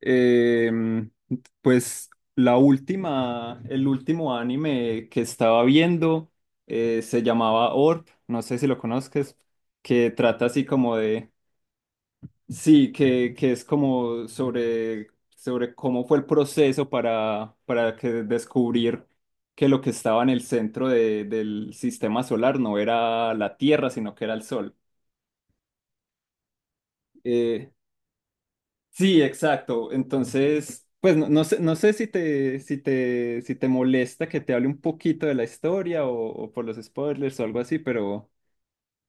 Em, pues la última, el último anime que estaba viendo se llamaba Orb, no sé si lo conozcas, que trata así como de, sí, que es como sobre, sobre cómo fue el proceso para que descubrir que lo que estaba en el centro del sistema solar no era la Tierra, sino que era el Sol. Eh, Sí, exacto. Entonces, pues no, no sé, no sé si te, si te, si te molesta que te hable un poquito de la historia o por los spoilers o algo así, pero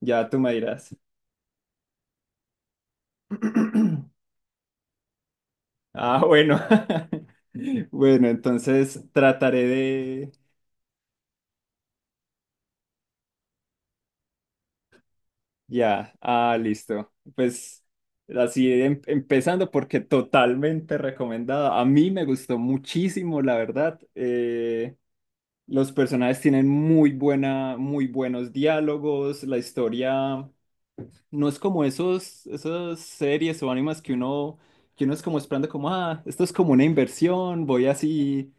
ya tú me dirás. Ah, bueno. Bueno, entonces trataré de... Ya, ah, listo. Pues así empezando porque totalmente recomendada. A mí me gustó muchísimo, la verdad. Los personajes tienen muy buena, muy buenos diálogos, la historia no es como esos, esas series o animes que uno es como esperando como, ah, esto es como una inversión, voy así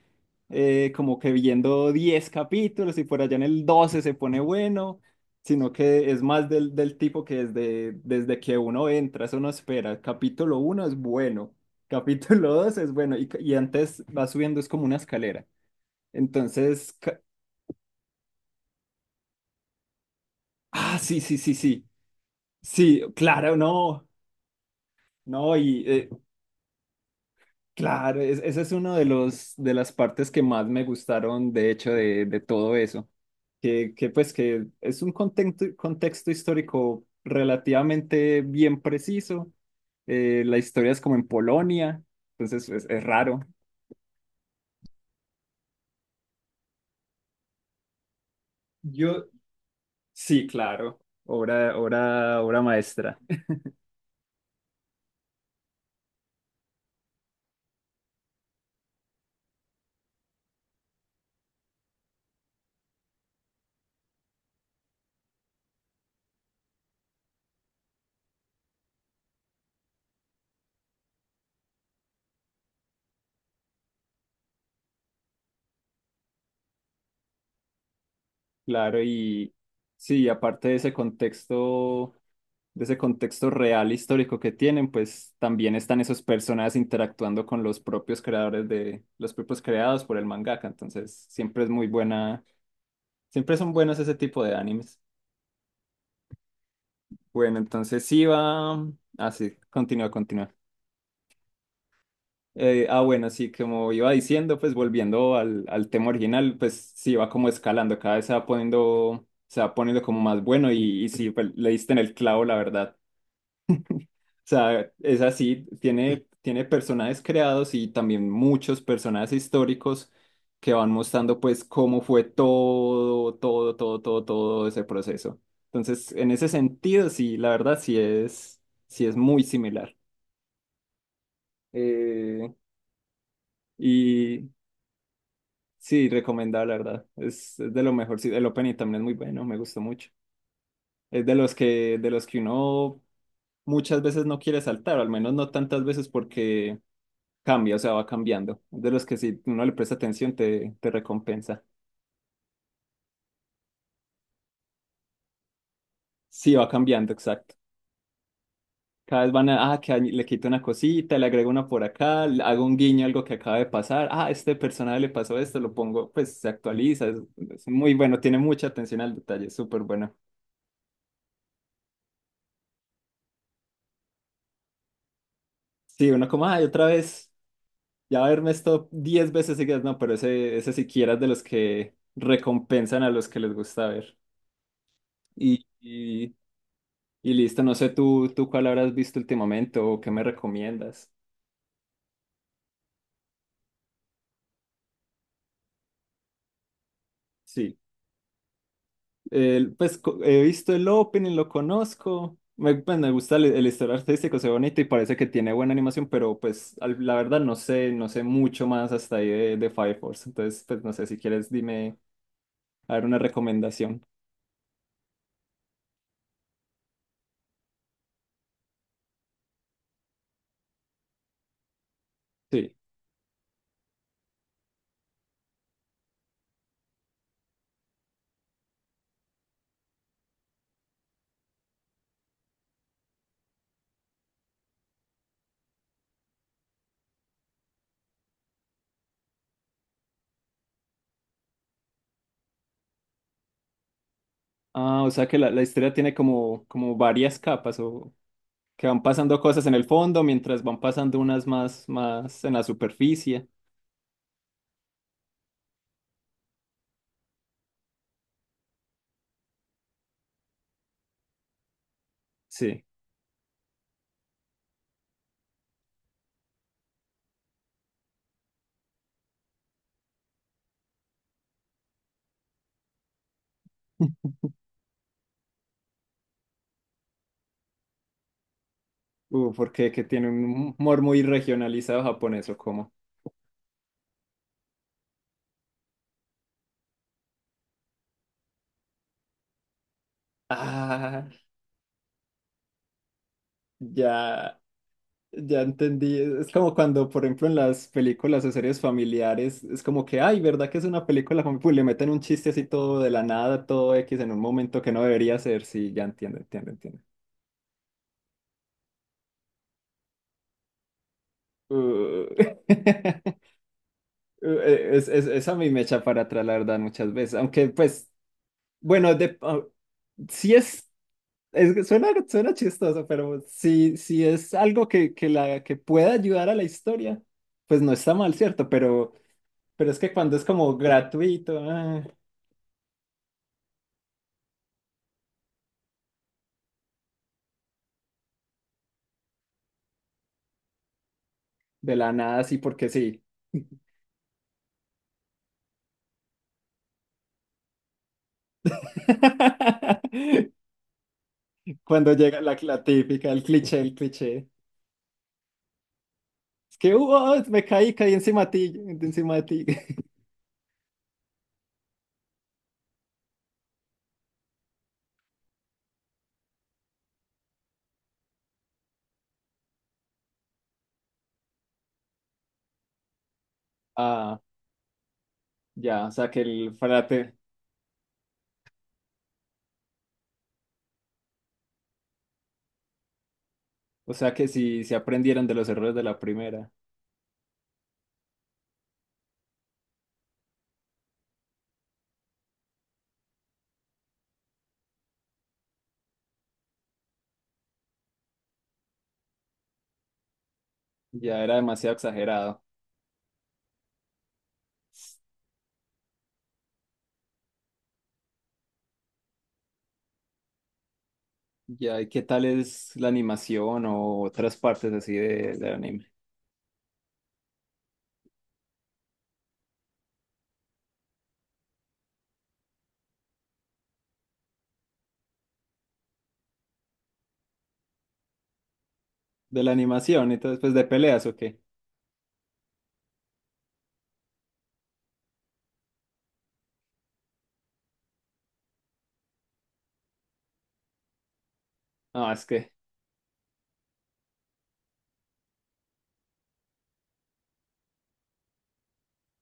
como que viendo 10 capítulos y por allá en el 12 se pone bueno, sino que es más del, del tipo que desde, desde que uno entra, eso no espera. Capítulo uno es bueno, capítulo 2 es bueno y antes va subiendo, es como una escalera. Entonces, ah, sí, sí, sí, sí. Sí, claro, no. No, y claro, esa es una de los de las partes que más me gustaron, de hecho, de todo eso. Que pues que es un contexto, contexto histórico relativamente bien preciso. La historia es como en Polonia, entonces es raro. Yo, sí, claro, obra, obra, obra maestra. Claro, y sí, aparte de ese contexto real histórico que tienen, pues también están esos personajes interactuando con los propios creadores de, los propios creados por el mangaka. Entonces, siempre es muy buena, siempre son buenos ese tipo de animes. Bueno, entonces sí va, ah, sí, continúa, continúa. Bueno, sí, como iba diciendo, pues volviendo al, al tema original, pues sí va como escalando, cada vez se va poniendo como más bueno y sí, pues, le diste en el clavo, la verdad. Sea, es así, tiene, tiene personajes creados y también muchos personajes históricos que van mostrando pues cómo fue todo, todo, todo, todo, todo ese proceso. Entonces, en ese sentido, sí, la verdad sí es muy similar. Eh, y sí, recomendable, la verdad. Es de lo mejor. Sí, el opening también es muy bueno, me gustó mucho. Es de los que uno muchas veces no quiere saltar, o al menos no tantas veces porque cambia, o sea, va cambiando. Es de los que si uno le presta atención te, te recompensa. Sí, va cambiando, exacto. Cada vez van a, ah, le quito una cosita, le agrego una por acá, le hago un guiño a algo que acaba de pasar. Ah, este personaje le pasó esto, lo pongo, pues se actualiza. Es muy bueno, tiene mucha atención al detalle, es súper bueno. Sí, uno como, ay, otra vez, ya verme esto 10 veces seguidas, no, pero ese siquiera es de los que recompensan a los que les gusta ver. Y y listo, no sé tú, tú cuál habrás visto últimamente o qué me recomiendas. Sí. He visto el Opening, lo conozco. Me, pues, me gusta el estilo artístico, se ve bonito y parece que tiene buena animación, pero pues la verdad no sé, no sé mucho más hasta ahí de Fire Force. Entonces, pues no sé si quieres dime a ver una recomendación. Sí. Ah, o sea que la historia tiene como, como varias capas o que van pasando cosas en el fondo mientras van pasando unas más, más en la superficie. Sí. Porque que tiene un humor muy regionalizado japonés o cómo. Ah, ya, ya entendí. Es como cuando, por ejemplo, en las películas o series familiares, es como que, ay, ¿verdad que es una película Pues le meten un chiste así todo de la nada, todo X en un momento que no debería ser. Sí, ya entiendo, entiendo, entiendo. Uh, es, eso a mí me echa para atrás, la verdad, muchas veces. Aunque, pues, bueno, de, ah, sí es. Es que suena, suena chistoso, pero si, si es algo que, la, que pueda ayudar a la historia, pues no está mal, ¿cierto? Pero es que cuando es como gratuito, ah, de la nada, sí, porque sí. Cuando llega la, la típica, el cliché, el cliché. Es que "uh, me caí, caí encima de ti, de encima de ti". Ah, ya, o sea que el o sea que si se aprendieron de los errores de la primera, ya era demasiado exagerado. Ya, ¿y qué tal es la animación o otras partes así de, del anime? ¿De la animación y todo después de peleas o qué? Ah, es que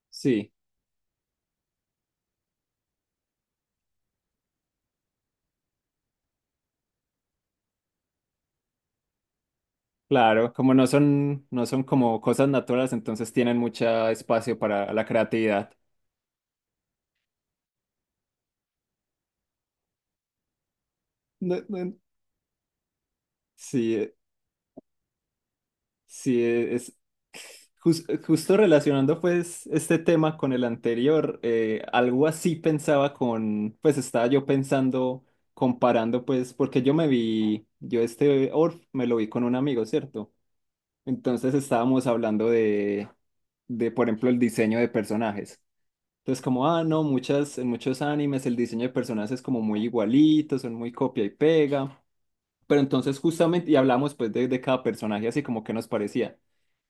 sí, claro, como no son, no son como cosas naturales, entonces tienen mucho espacio para la creatividad. No, no, sí, sí, e, es justo relacionando pues este tema con el anterior, algo así pensaba con, pues estaba yo pensando, comparando pues, porque yo me vi, yo este Orf me lo vi con un amigo, ¿cierto? Entonces estábamos hablando de, por ejemplo, el diseño de personajes. Entonces como, ah, no, muchas, en muchos animes el diseño de personajes es como muy igualito, son muy copia y pega. Pero entonces justamente, y hablamos pues de cada personaje así como que nos parecía.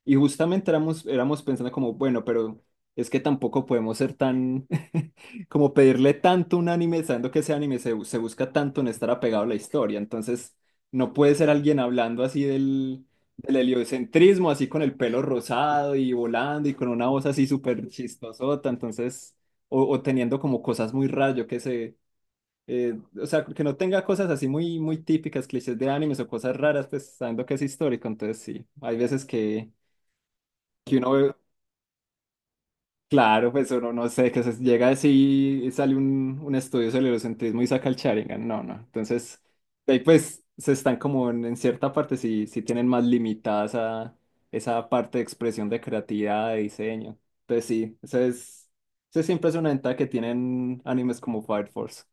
Y justamente éramos, éramos pensando como, bueno, pero es que tampoco podemos ser tan, como pedirle tanto a un anime, sabiendo que ese anime se, se busca tanto en estar apegado a la historia. Entonces, no puede ser alguien hablando así del, del heliocentrismo, así con el pelo rosado y volando y con una voz así súper chistosota. Entonces, o teniendo como cosas muy raras, yo qué sé. O sea, que no tenga cosas así muy, muy típicas, clichés de animes o cosas raras, pues sabiendo que es histórico. Entonces, sí, hay veces que uno ve, claro, pues uno no sé, que se llega así y sale un estudio sobre el eurocentrismo y saca el Sharingan, no, no. Entonces, de ahí pues se están como en cierta parte, sí, sí tienen más limitada esa, esa parte de expresión de creatividad, de diseño. Entonces sí, esa es, esa siempre es una ventaja que tienen animes como Fire Force.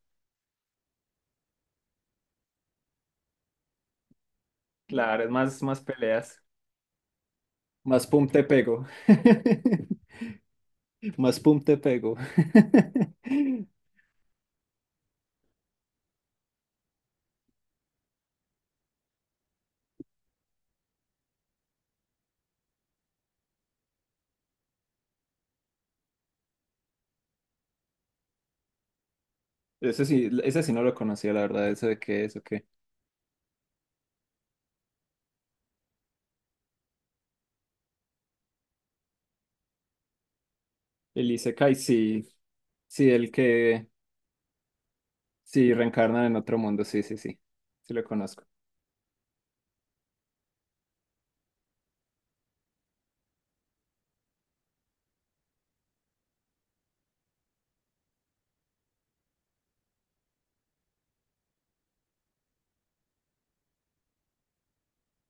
Claro, es más, más peleas. Más pum te pego. Más pum te pego. Eso sí, ese sí no lo conocía, la verdad, eso de qué es, ok. El Isekai, sí, sí, el que sí reencarna en otro mundo, sí, sí, sí, sí lo conozco.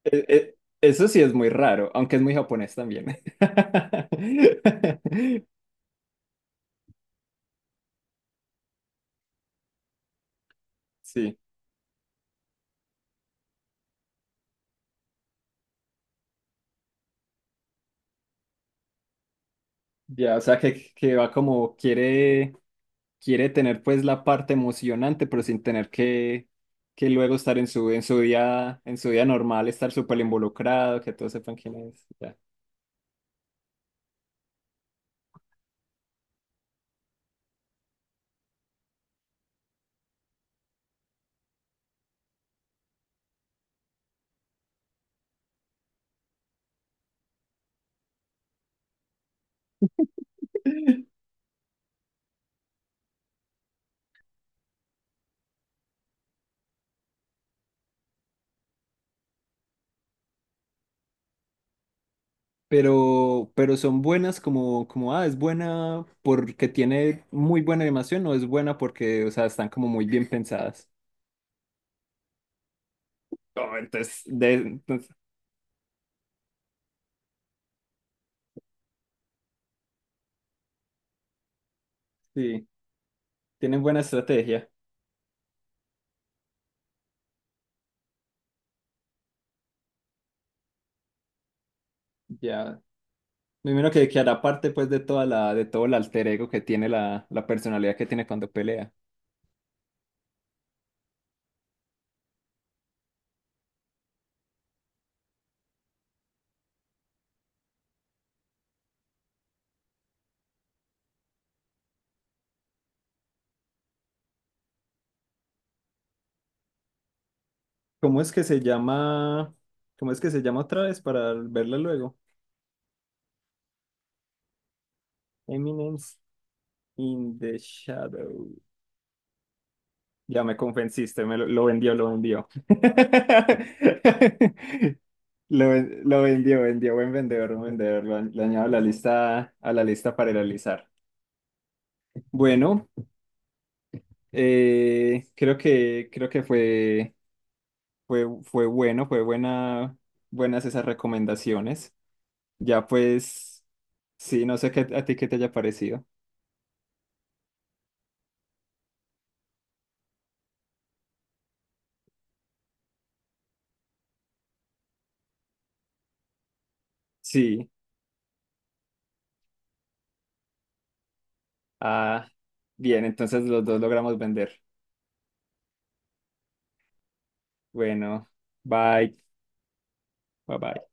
Eh, eh, eso sí es muy raro, aunque es muy japonés también. Sí, ya, o sea que va como quiere, quiere tener pues la parte emocionante, pero sin tener que luego estar en su día normal, estar súper involucrado, que todos sepan quién es. Pero son buenas como, como, ah, ¿es buena porque tiene muy buena animación o es buena porque, o sea, están como muy bien pensadas? Oh, entonces, de, entonces, sí, tienen buena estrategia. Ya, me imagino que hará parte pues de toda la, de todo el alter ego que tiene la, la personalidad que tiene cuando pelea. ¿Cómo es que se llama? ¿Cómo es que se llama otra vez para verla luego? Eminence in the Shadows. Ya me convenciste, me lo vendió, lo vendió. Lo, lo vendió, vendió, buen vendedor, buen vendedor. Lo, lo añado a la lista para realizar. Bueno, creo que fue, fue, fue bueno, fue buena, buenas esas recomendaciones. Ya pues, sí, no sé qué, a ti qué te haya parecido. Sí, ah, bien, entonces los dos logramos vender. Bueno, bye, bye bye.